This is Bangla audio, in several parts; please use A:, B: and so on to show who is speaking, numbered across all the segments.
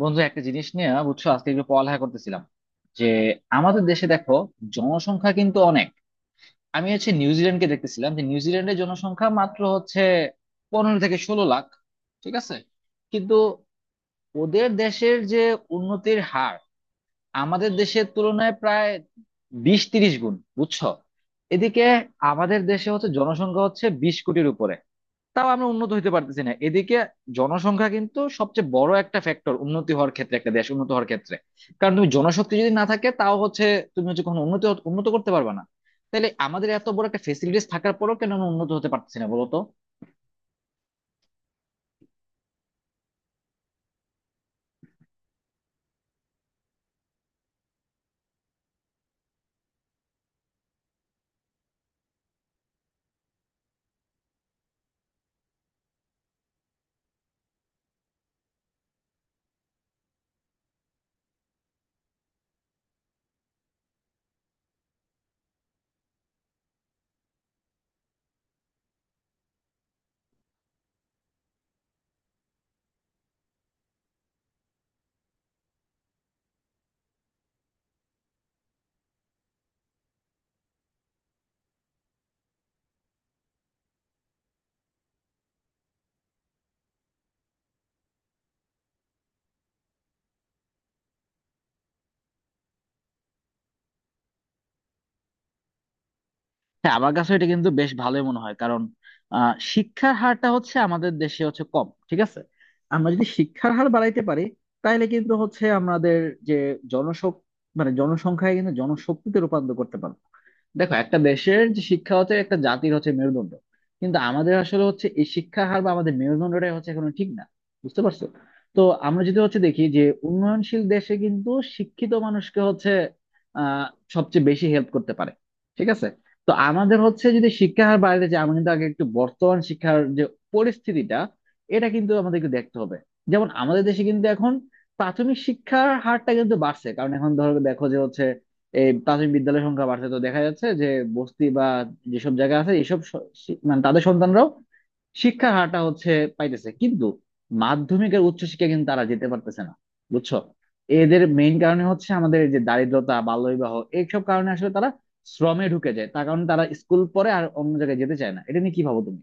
A: বন্ধু একটা জিনিস নিয়ে বুঝছো, আজকে একটু পড়ালেখা করতেছিলাম যে আমাদের দেশে দেখো জনসংখ্যা কিন্তু অনেক। আমি হচ্ছে নিউজিল্যান্ডকে দেখতেছিলাম যে নিউজিল্যান্ডের জনসংখ্যা মাত্র হচ্ছে 15 থেকে 16 লাখ, ঠিক আছে? কিন্তু ওদের দেশের যে উন্নতির হার আমাদের দেশের তুলনায় প্রায় 20-30 গুণ, বুঝছো? এদিকে আমাদের দেশে হচ্ছে জনসংখ্যা হচ্ছে 20 কোটির উপরে, তাও আমরা উন্নত হতে পারতেছি না। এদিকে জনসংখ্যা কিন্তু সবচেয়ে বড় একটা ফ্যাক্টর উন্নতি হওয়ার ক্ষেত্রে, একটা দেশ উন্নত হওয়ার ক্ষেত্রে। কারণ তুমি জনশক্তি যদি না থাকে তাও হচ্ছে তুমি হচ্ছে কখনো উন্নত করতে পারবে না। তাহলে আমাদের এত বড় একটা ফেসিলিটিস থাকার পরেও কেন আমরা উন্নত হতে পারতেছি না বলো তো? হ্যাঁ, আমার কাছে এটা কিন্তু বেশ ভালোই মনে হয়। কারণ শিক্ষার হারটা হচ্ছে আমাদের দেশে হচ্ছে কম, ঠিক আছে। আমরা যদি শিক্ষার হার বাড়াইতে পারি, তাহলে কিন্তু হচ্ছে আমাদের যে জনসং মানে জনসংখ্যায় কিন্তু জনশক্তিতে রূপান্তর করতে পারবো। দেখো, একটা দেশের যে শিক্ষা হচ্ছে একটা জাতির হচ্ছে মেরুদণ্ড, কিন্তু আমাদের আসলে হচ্ছে এই শিক্ষার হার বা আমাদের মেরুদণ্ডটাই হচ্ছে এখনো ঠিক না, বুঝতে পারছো? তো আমরা যদি হচ্ছে দেখি যে উন্নয়নশীল দেশে কিন্তু শিক্ষিত মানুষকে হচ্ছে আহ সবচেয়ে বেশি হেল্প করতে পারে, ঠিক আছে। তো আমাদের হচ্ছে যদি শিক্ষার হার বাড়াতে চাই, আমরা কিন্তু আগে একটু বর্তমান শিক্ষার যে পরিস্থিতিটা, এটা কিন্তু আমাদেরকে দেখতে হবে। যেমন আমাদের দেশে কিন্তু এখন প্রাথমিক শিক্ষার হারটা কিন্তু বাড়ছে, কারণ এখন ধরো দেখো যে হচ্ছে এই প্রাথমিক বিদ্যালয়ের সংখ্যা বাড়ছে। তো দেখা যাচ্ছে যে বস্তি বা যেসব জায়গা আছে এসব মানে তাদের সন্তানরাও শিক্ষার হারটা হচ্ছে পাইতেছে, কিন্তু মাধ্যমিকের উচ্চশিক্ষা কিন্তু তারা যেতে পারতেছে না, বুঝছো? এদের মেইন কারণে হচ্ছে আমাদের এই যে দারিদ্রতা, বাল্যবিবাহ, এইসব কারণে আসলে তারা শ্রমে ঢুকে যায়। তার কারণে তারা স্কুল পড়ে আর অন্য জায়গায় যেতে চায় না। এটা নিয়ে কি ভাবো তুমি?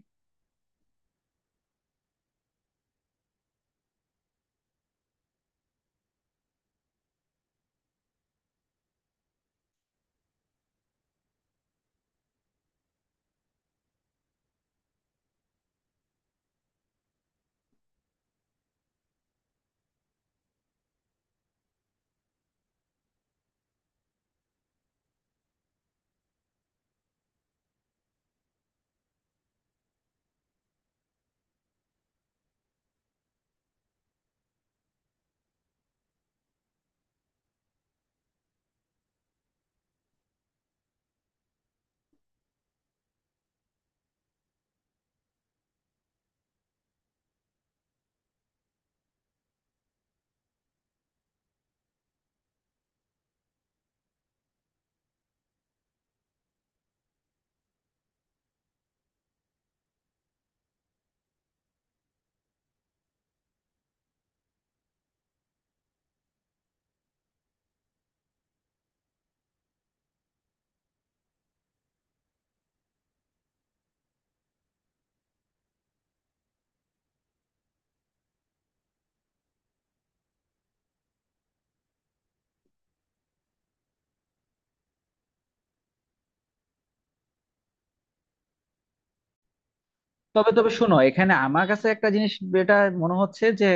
A: তবে তবে শোনো, এখানে আমার কাছে একটা জিনিস, এটা মনে হচ্ছে যে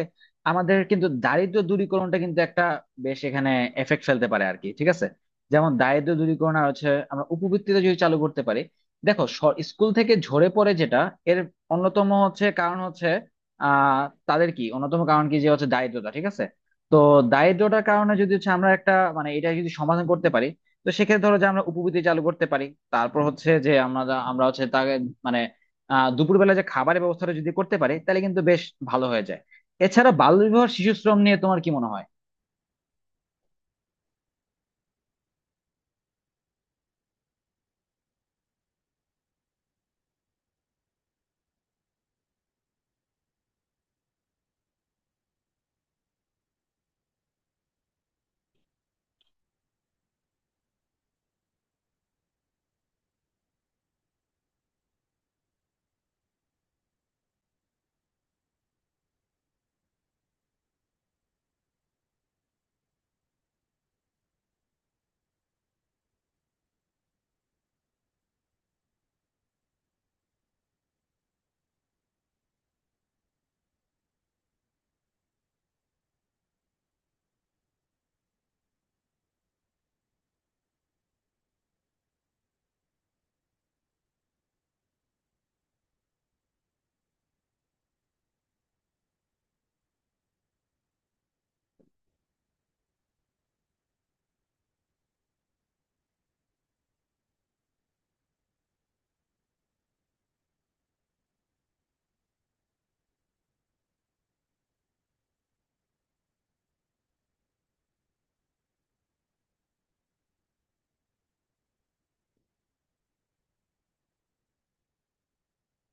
A: আমাদের কিন্তু দারিদ্র দূরীকরণটা কিন্তু একটা বেশ এখানে এফেক্ট ফেলতে পারে আর কি, ঠিক আছে। যেমন দারিদ্র দূরীকরণ, আর হচ্ছে আমরা উপবৃত্তিটা যদি চালু করতে পারি। দেখো, স্কুল থেকে ঝরে পড়ে যেটা, এর অন্যতম হচ্ছে কারণ হচ্ছে আহ তাদের কি অন্যতম কারণ কি যে হচ্ছে দারিদ্রতা, ঠিক আছে। তো দারিদ্রতার কারণে যদি হচ্ছে আমরা একটা মানে এটা যদি সমাধান করতে পারি, তো সেক্ষেত্রে ধরো যে আমরা উপবৃত্তি চালু করতে পারি। তারপর হচ্ছে যে আমরা আমরা হচ্ছে তাকে মানে আহ দুপুরবেলা যে খাবারের ব্যবস্থাটা যদি করতে পারে তাহলে কিন্তু বেশ ভালো হয়ে যায়। এছাড়া বাল্যবিবাহ, শিশু শ্রম নিয়ে তোমার কি মনে হয়?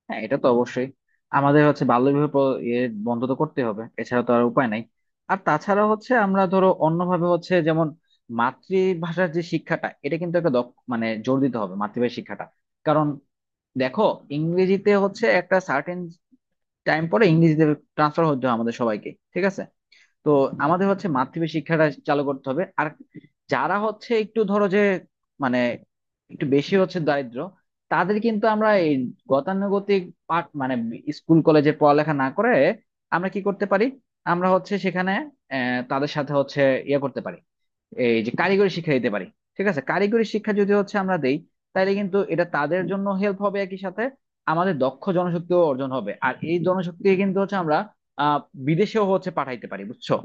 A: হ্যাঁ, এটা তো অবশ্যই আমাদের হচ্ছে বাল্যবিবাহ প্র- এ বন্ধ তো করতে হবে, এছাড়া তো আর উপায় নাই। আর তাছাড়া হচ্ছে আমরা ধরো অন্যভাবে হচ্ছে যেমন মাতৃভাষার যে শিক্ষাটা, এটা কিন্তু একটা দক্ষ মানে জোর দিতে হবে মাতৃভাষার শিক্ষাটা। কারণ দেখো, ইংরেজিতে হচ্ছে একটা সার্টেন টাইম পরে ইংরেজিতে ট্রান্সফার হতে হয় আমাদের সবাইকে, ঠিক আছে। তো আমাদের হচ্ছে মাতৃভাষা শিক্ষাটা চালু করতে হবে। আর যারা হচ্ছে একটু ধরো যে মানে একটু বেশি হচ্ছে দারিদ্র, তাদের কিন্তু আমরা এই গতানুগতিক পাঠ মানে স্কুল কলেজে পড়ালেখা না করে আমরা কি করতে পারি, আমরা হচ্ছে সেখানে তাদের সাথে হচ্ছে ইয়ে করতে পারি এই যে কারিগরি শিক্ষা দিতে পারি, ঠিক আছে। কারিগরি শিক্ষা যদি হচ্ছে আমরা দেই, তাহলে কিন্তু এটা তাদের জন্য হেল্প হবে। একই সাথে আমাদের দক্ষ জনশক্তিও অর্জন হবে, আর এই জনশক্তি কিন্তু হচ্ছে আমরা আহ বিদেশেও হচ্ছে পাঠাইতে পারি, বুঝছো?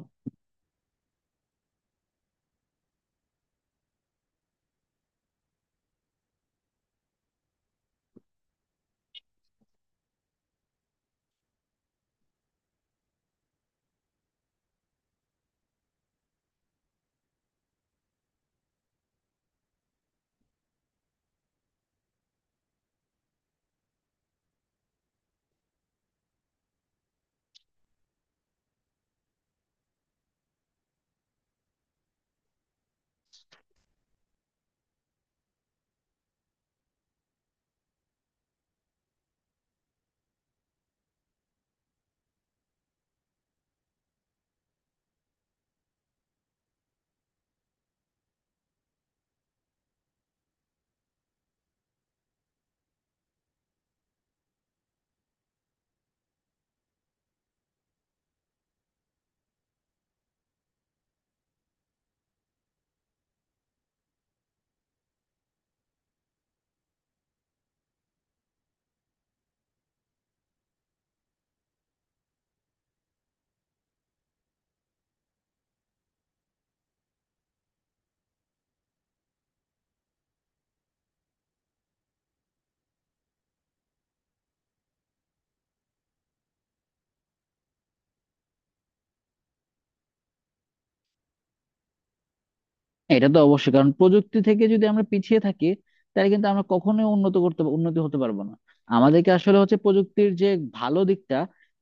A: এটা তো অবশ্যই, কারণ প্রযুক্তি থেকে যদি আমরা পিছিয়ে থাকি তাহলে কিন্তু আমরা কখনোই উন্নত করতে উন্নতি হতে পারবো না। আমাদেরকে আসলে হচ্ছে প্রযুক্তির যে ভালো দিকটা,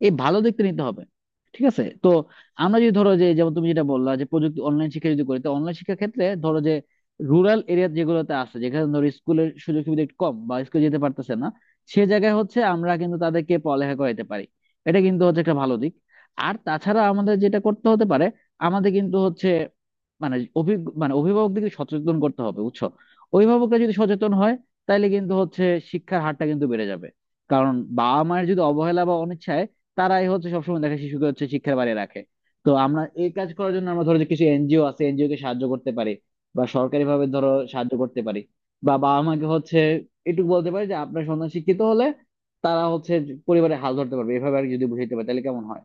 A: এই ভালো দিকটা নিতে হবে, ঠিক আছে। তো আমরা যদি ধরো যে, যেমন তুমি যেটা বললা যে প্রযুক্তি অনলাইন শিক্ষা যদি করি, তো অনলাইন শিক্ষার ক্ষেত্রে ধরো যে রুরাল এরিয়া যেগুলোতে আছে, যেখানে ধরো স্কুলের সুযোগ সুবিধা একটু কম বা স্কুলে যেতে পারতেছে না, সে জায়গায় হচ্ছে আমরা কিন্তু তাদেরকে পড়ালেখা করাইতে পারি। এটা কিন্তু হচ্ছে একটা ভালো দিক। আর তাছাড়া আমাদের যেটা করতে হতে পারে, আমাদের কিন্তু হচ্ছে মানে অভিজ্ঞ মানে অভিভাবকদেরকে সচেতন করতে হবে, বুঝছো? অভিভাবকরা যদি সচেতন হয়, তাহলে কিন্তু হচ্ছে শিক্ষার হারটা কিন্তু বেড়ে যাবে। কারণ বাবা মায়ের যদি অবহেলা বা অনিচ্ছায়, তারাই হচ্ছে সবসময় দেখে শিশুকে হচ্ছে শিক্ষার বাইরে রাখে। তো আমরা এই কাজ করার জন্য আমরা ধরো যে কিছু এনজিও আছে, এনজিও কে সাহায্য করতে পারি বা সরকারি ভাবে ধরো সাহায্য করতে পারি, বা বাবা মাকে হচ্ছে এটুকু বলতে পারি যে আপনার সন্তান শিক্ষিত হলে তারা হচ্ছে পরিবারে হাল ধরতে পারবে, এভাবে আর কি যদি বুঝাইতে পারে তাহলে কেমন হয়।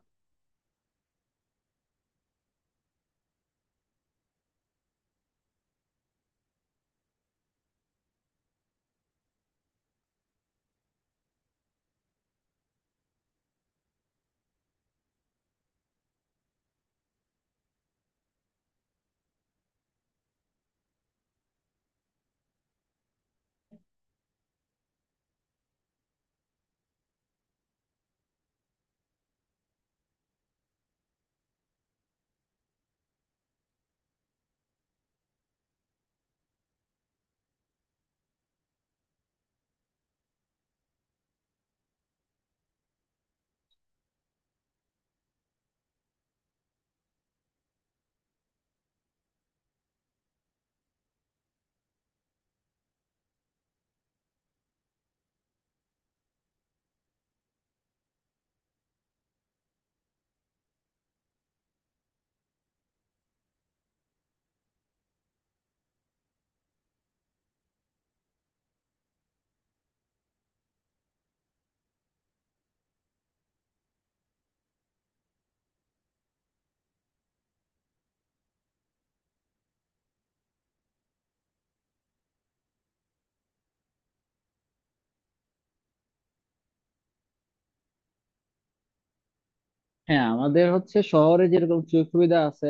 A: হ্যাঁ, আমাদের হচ্ছে শহরে যেরকম সুযোগ সুবিধা আছে,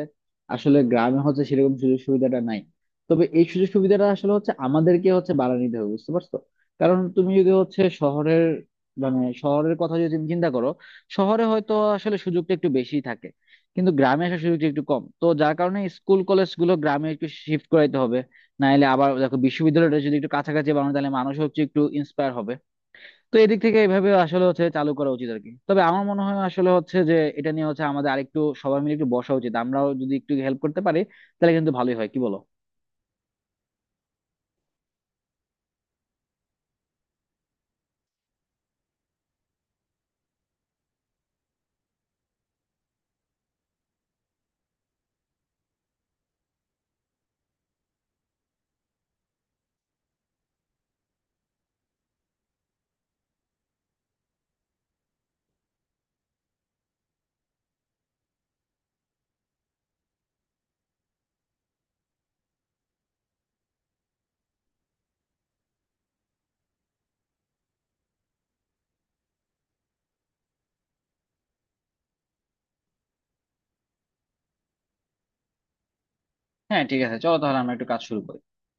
A: আসলে গ্রামে হচ্ছে সেরকম সুযোগ সুবিধাটা নাই। তবে এই সুযোগ সুবিধাটা আসলে হচ্ছে আমাদেরকে হচ্ছে বাড়া নিতে হবে, বুঝতে পারছো? কারণ তুমি যদি হচ্ছে শহরের মানে শহরের কথা যদি তুমি চিন্তা করো, শহরে হয়তো আসলে সুযোগটা একটু বেশি থাকে, কিন্তু গ্রামে আসার সুযোগটা একটু কম, তো যার কারণে স্কুল কলেজ গুলো গ্রামে একটু শিফট করাইতে হবে। নাহলে আবার দেখো বিশ্ববিদ্যালয়টা যদি একটু কাছাকাছি বানানো তাহলে মানুষ হচ্ছে একটু ইন্সপায়ার হবে। তো এদিক থেকে এইভাবে আসলে হচ্ছে চালু করা উচিত আর কি। তবে আমার মনে হয় আসলে হচ্ছে যে এটা নিয়ে হচ্ছে আমাদের আরেকটু সবাই মিলে একটু বসা উচিত। আমরাও যদি একটু হেল্প করতে পারি তাহলে কিন্তু ভালোই হয়, কি বলো? হ্যাঁ ঠিক আছে, চলো তাহলে আমরা একটু কাজ শুরু করি।